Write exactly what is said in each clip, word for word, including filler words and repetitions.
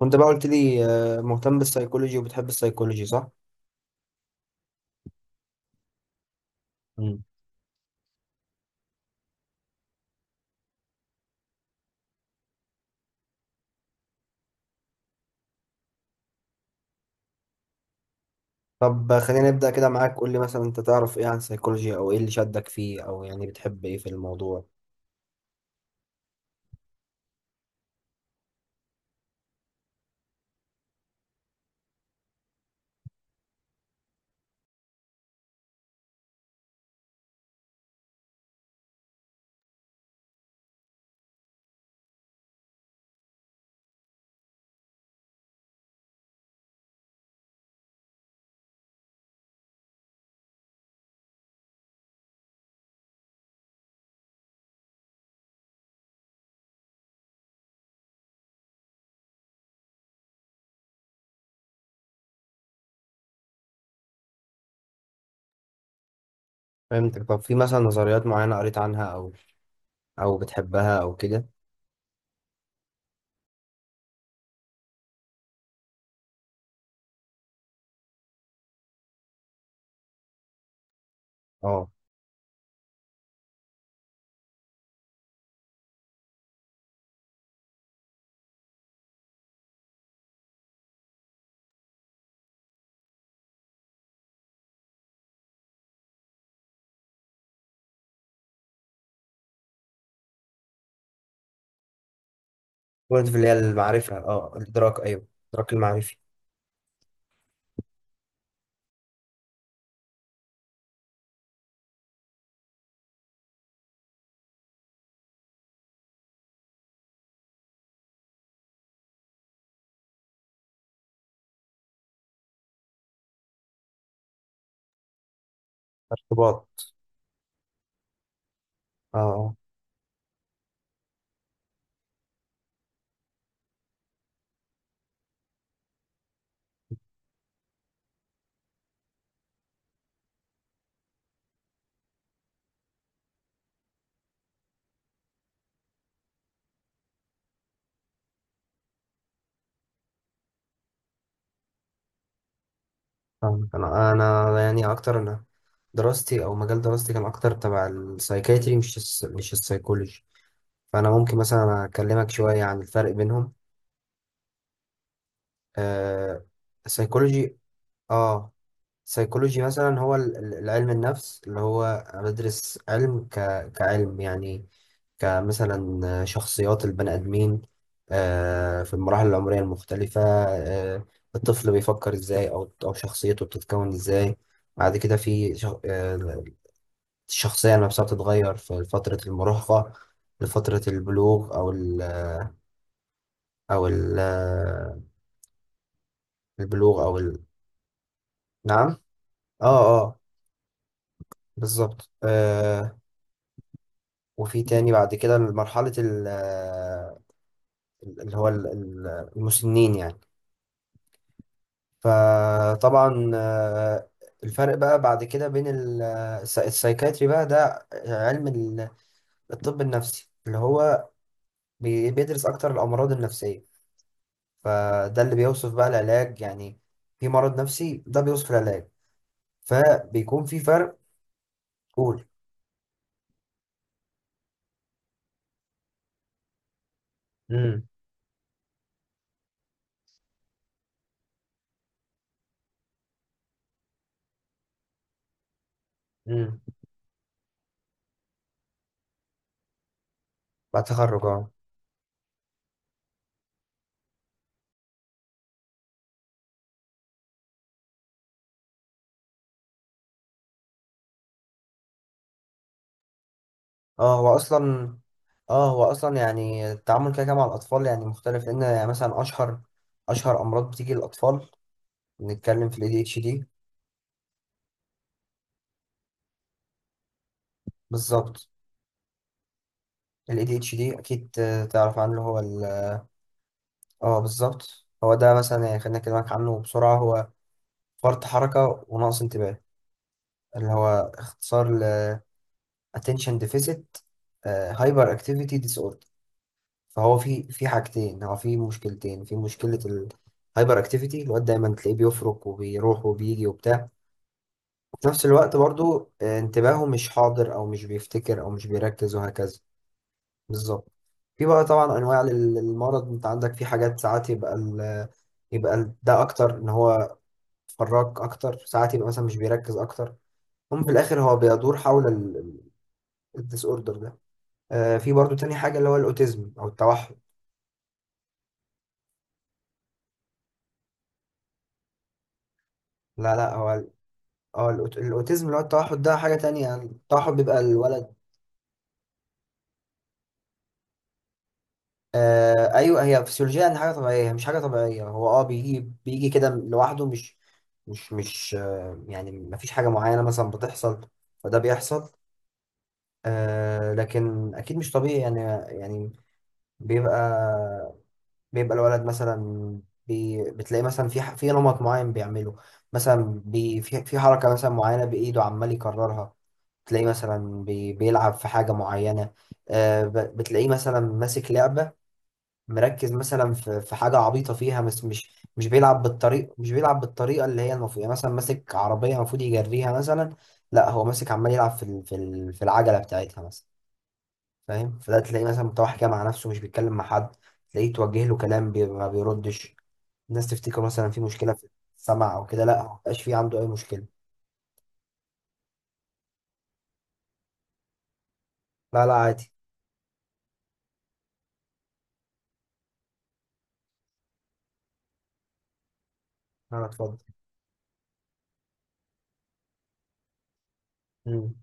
وانت بقى قلت لي آه، مهتم بالسيكولوجي وبتحب السيكولوجي صح؟ مم. طب آه، خلينا نبدأ كده معاك. قول لي مثلا انت تعرف ايه عن السيكولوجي او ايه اللي شدك فيه او يعني بتحب ايه في الموضوع؟ فهمتك. طب في مثلا نظريات معينة قريت عنها او او بتحبها او كده؟ اه، قلت في اللي هي المعرفة، اه الادراك، ايوه. الادراك المعرفي. ارتباط. اه، اه. فاهمك. انا انا يعني اكتر، انا دراستي او مجال دراستي كان اكتر تبع السايكايتري، مش الس... مش السيكولوجي. فانا ممكن مثلا اكلمك شوية عن الفرق بينهم. آه سيكولوجي اه سيكولوجي مثلا هو ال- ال- العلم النفس اللي هو بدرس علم ك... كعلم يعني، كمثلا شخصيات البني آدمين آه في المراحل العمرية المختلفة. آه الطفل بيفكر ازاي، او او شخصيته بتتكون ازاي. بعد كده في شخ... آه الشخصية نفسها بتتغير في فترة المراهقة، لفترة البلوغ او ال... او ال... آه، البلوغ او ال... نعم، اه. آه. بالظبط. آه. وفي تاني بعد كده مرحلة ال- آه، اللي هو ال- ال- المسنين يعني. فطبعا، آه الفرق بقى بعد كده بين ال- آه، الس- السايكاتري. بقى ده علم ال- الطب النفسي اللي هو بي- بيدرس أكتر الأمراض النفسية. فده اللي بيوصف بقى العلاج يعني، في مرض نفسي ده بيوصف العلاج، فبيكون في فرق. قول. امم. امم. بعد تخرج، اه. اه هو اصلا اه هو اصلا يعني التعامل كده كده مع الاطفال يعني مختلف، لان يعني مثلا اشهر اشهر امراض بتيجي للاطفال. نتكلم في الاي دي اتش دي. بالظبط. الاي دي اتش دي، اكيد. آه، تعرف عنه. هو ال... اه بالظبط. هو ده مثلا يعني خلينا اكلمك عنه بسرعه. هو فرط حركه ونقص انتباه، اللي هو اختصار ل attention deficit هايبر اكتيفيتي ديس اوردر. فهو في في حاجتين، هو في مشكلتين. في مشكله الهايبر اكتيفيتي، الواد دايما تلاقيه بيفرك وبيروح وبيجي وبتاع. في نفس الوقت برضو، آه، انتباهه مش حاضر او مش بيفتكر او مش بيركز وهكذا. بالظبط. في بقى طبعا انواع لل- للمرض. انت عندك في حاجات، ساعات يبقى ال يبقى ال ده اكتر ان هو فراك اكتر، ساعات يبقى مثلا مش بيركز اكتر. هم في الاخر هو بيدور حول الديس اوردر ده. آه، في برضو تاني حاجة اللي هو الاوتيزم او التوحد. لا، لا، هو ال- اه الأوت- الاوتيزم اللي هو التوحد ده حاجة تانية. يعني التوحد بيبقى الولد... آه، ايوه. هي فسيولوجيا ان حاجه طبيعيه، هي مش حاجه طبيعيه. هو اه بيجي بيجي كده لوحده، مش مش مش آه يعني ما فيش حاجه معينه مثلا بتحصل. فده بيحصل. آه، لكن اكيد مش طبيعي يعني. يعني بيبقى بيبقى الولد مثلا، بي بتلاقي مثلا في ح- في نمط معين بيعمله. مثلا بي في في حركه مثلا معينه بايده عمال يكررها. تلاقيه مثلا بي بيلعب في حاجه معينه. آه ب- بتلاقيه مثلا ماسك لعبه، مركز مثلا في في حاجه عبيطه فيها. بس مش مش بيلعب بالطريق مش بيلعب بالطريقه اللي هي المفروض، يعني مثلا ماسك عربيه المفروض يجريها مثلا. لا، هو ماسك عمال يلعب في ال- في ال- في العجله بتاعتها مثلا، فاهم؟ فده تلاقيه مثلا متوحش كده مع نفسه، مش بيتكلم مع حد. تلاقيه توجه له كلام، بي- ما بيردش. الناس تفتكر مثلا في مشكله في السمع او كده، لا، ما بقاش في عنده اي مشكله. لا، لا، عادي. لا، لا، اتفضل. مم.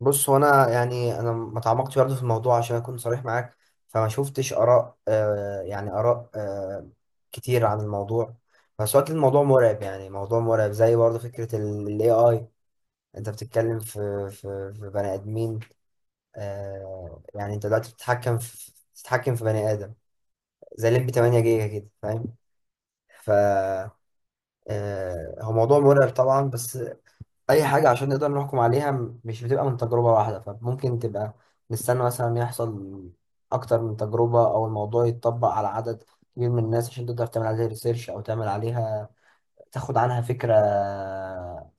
بص، هو انا يعني انا ما تعمقتش برضه في الموضوع عشان اكون صريح معاك. فما شفتش اراء آه يعني اراء آه كتير عن الموضوع. بس وقت الموضوع مرعب يعني، موضوع مرعب زي برضه فكره الاي اي. انت بتتكلم في في في بني ادمين. آه يعني انت دلوقتي بتتحكم في بتتحكم في بني ادم، زي الليمبي تمانية جيجا كده، فاهم؟ ف آه هو موضوع مرعب طبعا، بس اي حاجه عشان نقدر نحكم عليها م- مش بتبقى من تجربه واحده، فممكن تبقى نستنى مثلا يحصل اكتر من تجربه او الموضوع يتطبق على عدد كبير من الناس عشان تقدر تعمل عليها ريسيرش او تعمل عليها، تاخد عنها فكره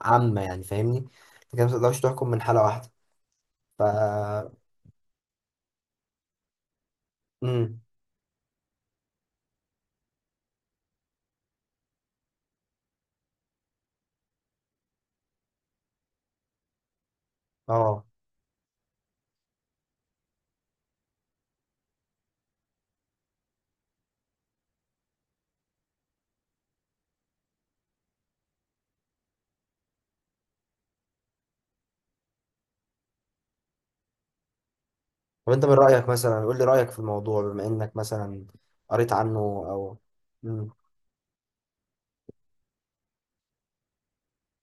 عامه يعني، فاهمني؟ انت كده ما تقدرش تحكم من حاله واحده. ف امم، اه. طب انت من رايك مثلا قول لي رايك في الموضوع بما انك مثلا قريت عنه او... امم.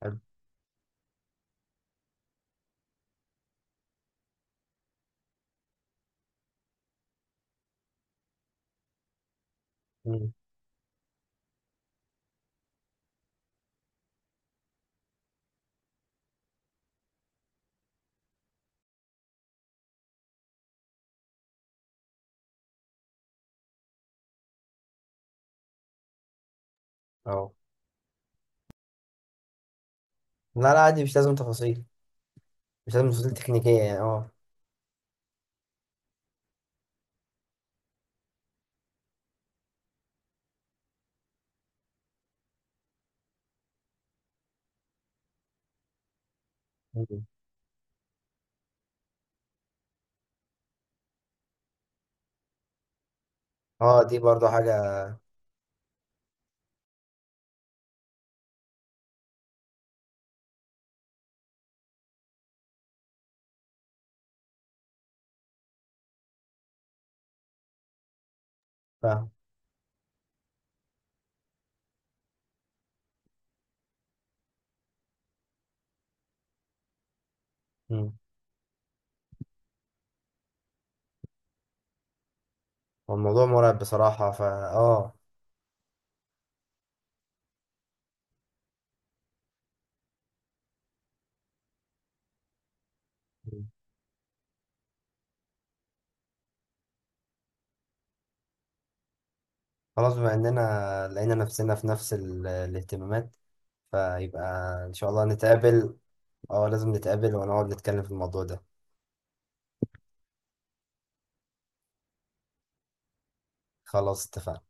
حلو. امم. اه. لا، لا، عادي، مش لازم تفاصيل. مش لازم تفاصيل تكنيكيه يعني. اه. اه، دي برضو حاجة. فاهم. مم. هو الموضوع مرعب بصراحة. فا اه مم. خلاص، بما اننا لقينا نفسنا في نفس ال- الاهتمامات، فيبقى ان شاء الله نتقابل. اه، لازم نتقابل ونقعد نتكلم في الموضوع ده. خلاص، اتفقنا.